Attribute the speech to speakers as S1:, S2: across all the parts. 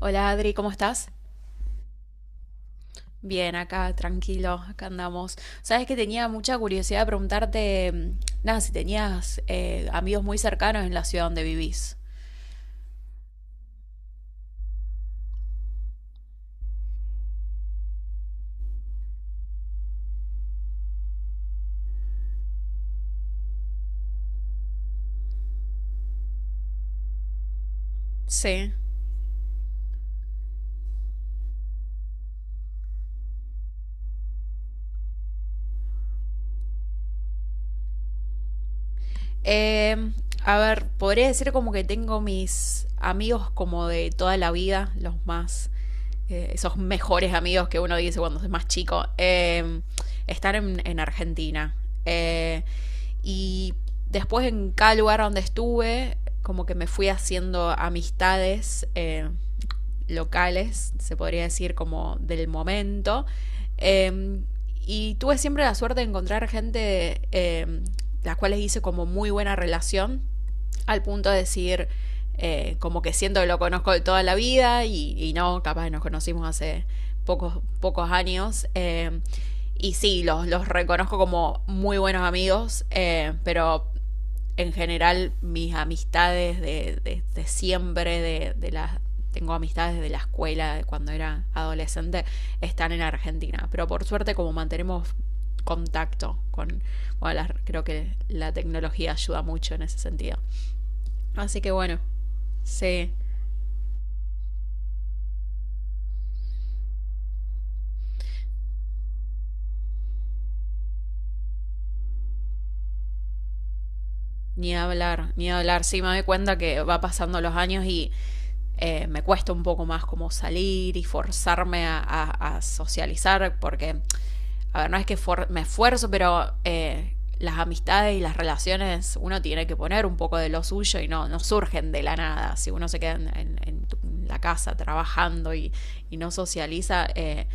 S1: Hola Adri, ¿cómo estás? Bien, acá tranquilo, acá andamos. Sabes que tenía mucha curiosidad de preguntarte, nada, si tenías amigos muy cercanos en la ciudad donde vivís. Sí. Eh, a ver, podría decir como que tengo mis amigos como de toda la vida, los más, esos mejores amigos que uno dice cuando es más chico, están en Argentina. Eh, y después en cada lugar donde estuve, como que me fui haciendo amistades, locales, se podría decir, como del momento. Eh, y tuve siempre la suerte de encontrar gente, las cuales hice como muy buena relación, al punto de decir, como que siento que lo conozco de toda la vida y no, capaz nos conocimos hace pocos años. Y sí, los reconozco como muy buenos amigos, pero en general mis amistades de siempre, de las tengo amistades de la escuela, de cuando era adolescente, están en Argentina. Pero por suerte, como mantenemos contacto con, bueno, creo que la tecnología ayuda mucho en ese sentido. Así que bueno, sí. Ni hablar, ni hablar. Sí, me doy cuenta que va pasando los años y me cuesta un poco más como salir y forzarme a socializar porque, a ver, no es que me esfuerzo, pero las amistades y las relaciones uno tiene que poner un poco de lo suyo y no surgen de la nada. Si uno se queda en la casa trabajando y no socializa,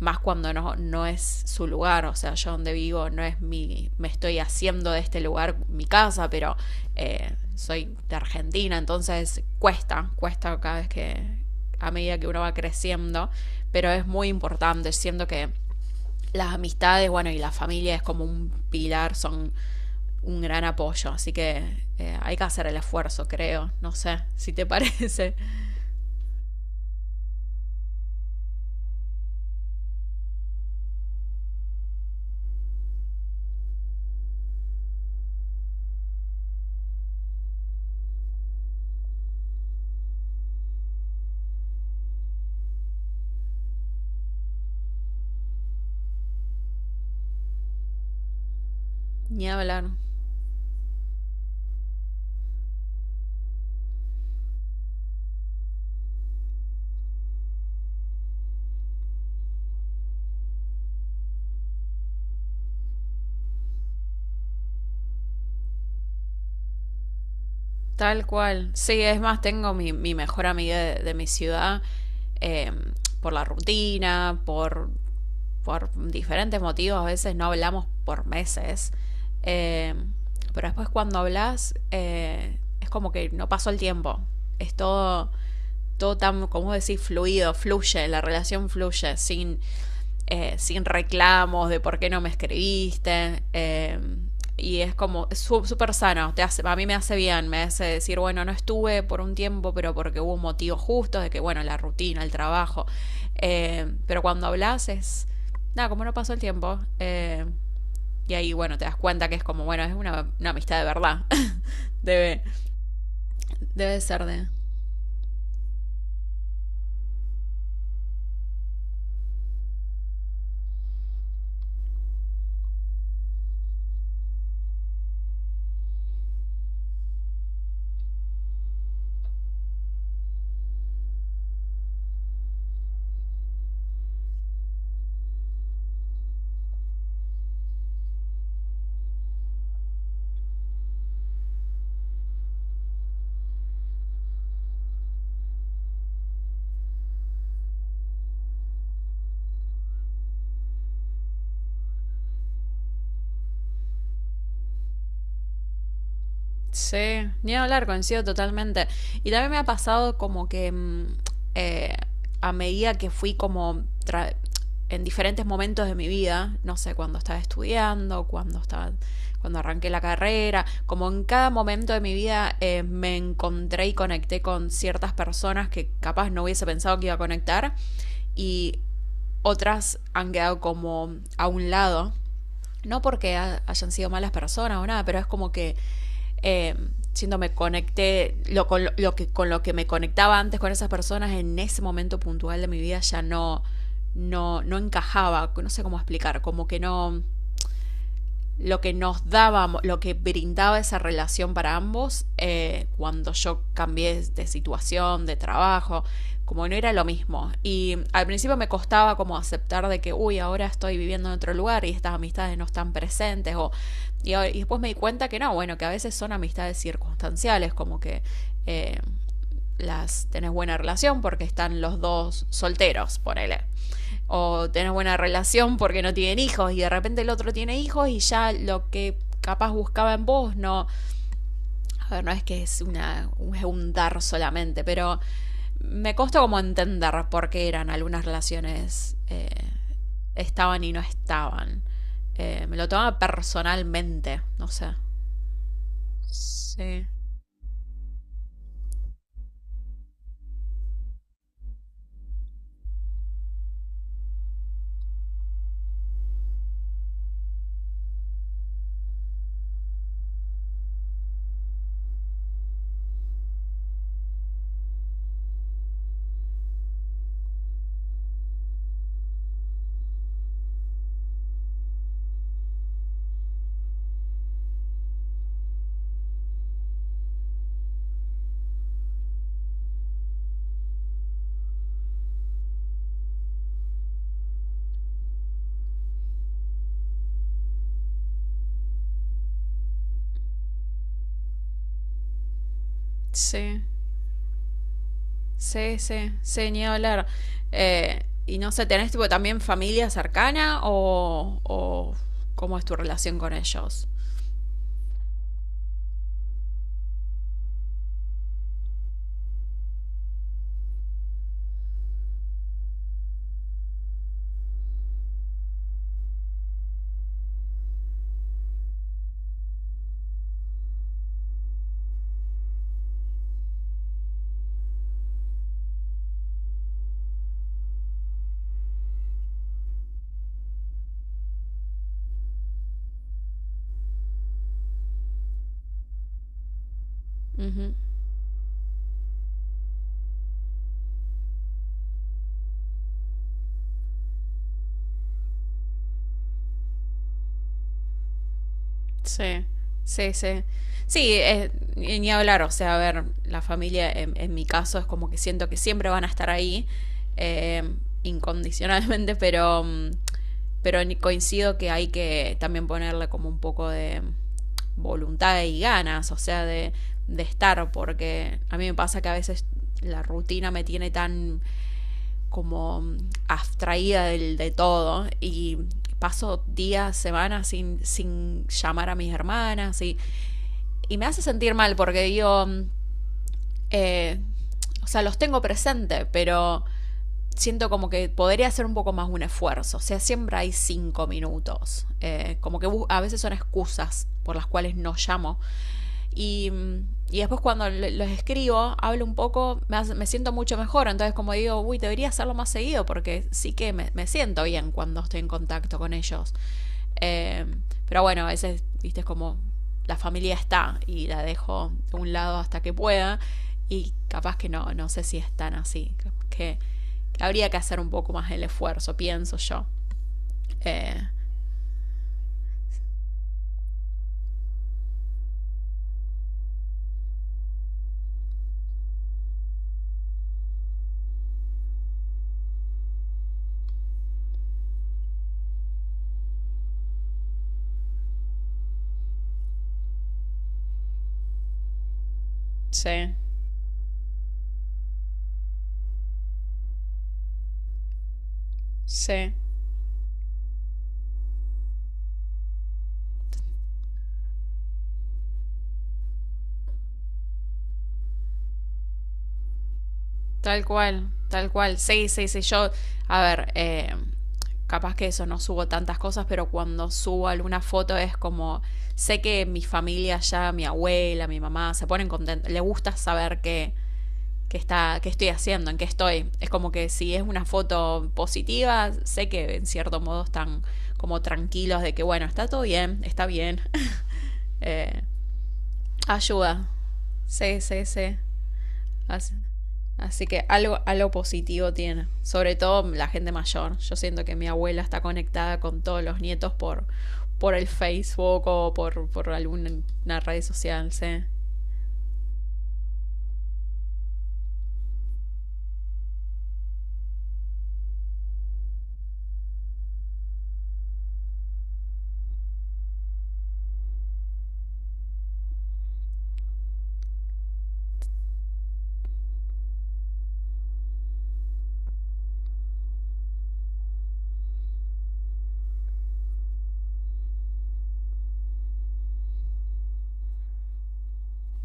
S1: más cuando no es su lugar, o sea, yo donde vivo no es me estoy haciendo de este lugar mi casa, pero soy de Argentina, entonces cuesta cada vez que, a medida que uno va creciendo, pero es muy importante, siento que las amistades, bueno, y la familia es como un pilar, son un gran apoyo, así que hay que hacer el esfuerzo, creo, no sé si te parece. Ni hablar. Tal cual. Sí, es más, tengo mi mejor amiga de mi ciudad, eh, por la rutina, por diferentes motivos. A veces no hablamos por meses. Eh, pero después cuando hablas, es como que no pasó el tiempo. Es todo tan, como decir, fluido, fluye, la relación fluye, sin reclamos de por qué no me escribiste. Y es como es súper sano, te hace, a mí me hace bien, me hace decir, bueno, no estuve por un tiempo, pero porque hubo un motivo justo, de que, bueno, la rutina, el trabajo. Pero cuando hablas es, nada, como no pasó el tiempo. Y ahí, bueno, te das cuenta que es como, bueno, es una amistad de verdad. debe, debe ser. Sí, ni hablar, coincido totalmente. Y también me ha pasado como que eh, a medida que fui como en diferentes momentos de mi vida, no sé, cuando estaba estudiando, cuando arranqué la carrera, como en cada momento de mi vida me encontré y conecté con ciertas personas que capaz no hubiese pensado que iba a conectar y otras han quedado como a un lado. No porque hayan sido malas personas o nada, pero es como que eh, siendo me conecté, lo, con, lo que, con lo que me conectaba antes con esas personas en ese momento puntual de mi vida ya no encajaba, no sé cómo explicar, como que no, lo que nos daba, lo que brindaba esa relación para ambos, cuando yo cambié de situación, de trabajo, como no era lo mismo. Y al principio me costaba como aceptar de que, uy, ahora estoy viviendo en otro lugar y estas amistades no están presentes. Y después me di cuenta que no, bueno, que a veces son amistades circunstanciales, como que eh, las tenés buena relación porque están los dos solteros, ponele, o tenés buena relación porque no tienen hijos y de repente el otro tiene hijos y ya lo que capaz buscaba en vos no, a ver, no es que es una es un dar solamente, pero me costó como entender por qué eran algunas relaciones, estaban y no estaban. Me lo tomaba personalmente, no sé. Sí. Sí. Sí, sí, sí, ni hablar. Y no sé, ¿tenés tipo también familia cercana o cómo es tu relación con ellos? Ujú. Sí, sí, sí. Sí, ni hablar, o sea, a ver, la familia en mi caso es como que siento que siempre van a estar ahí, eh, incondicionalmente, pero, coincido que hay que también ponerle como un poco de voluntad y ganas, o sea, de estar, porque a mí me pasa que a veces la rutina me tiene tan como abstraída del, de todo y paso días, semanas sin llamar a mis hermanas y me hace sentir mal porque digo, eh, o sea, los tengo presente, pero siento como que podría hacer un poco más un esfuerzo. O sea, siempre hay 5 minutos. Como que a veces son excusas por las cuales no llamo y, y después cuando los escribo, hablo un poco, me siento mucho mejor. Entonces como digo, uy, debería hacerlo más seguido porque sí que me siento bien cuando estoy en contacto con ellos. Eh, pero bueno, a veces, viste, es como la familia está y la dejo de un lado hasta que pueda y capaz que no, no sé si es tan así. Que, que habría que hacer un poco más el esfuerzo, pienso yo. Eh, sí, sí. Tal cual, tal cual. Sí, sí, sí. Yo, a ver, capaz que eso no subo tantas cosas, pero cuando subo alguna foto es como, sé que mi familia ya, mi abuela, mi mamá, se ponen contentos. Le gusta saber que está, qué estoy haciendo, en qué estoy. Es como que si es una foto positiva, sé que en cierto modo están como tranquilos de que, bueno, está todo bien, está bien. Eh, Ayuda. Sí, sí, sí. Así, Así que algo positivo tiene. Sobre todo la gente mayor. Yo siento que mi abuela está conectada con todos los nietos por el Facebook o por alguna red social, sí.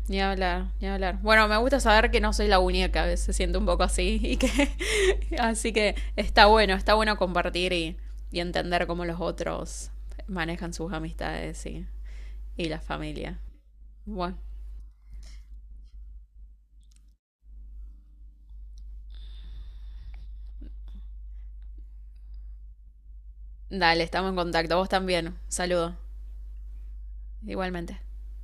S1: Ni hablar, ni hablar. Bueno, me gusta saber que no soy la única, que a veces siento un poco así y que así que está bueno compartir y entender cómo los otros manejan sus amistades y la familia. Bueno, dale, estamos en contacto. Vos también. Saludo. Igualmente.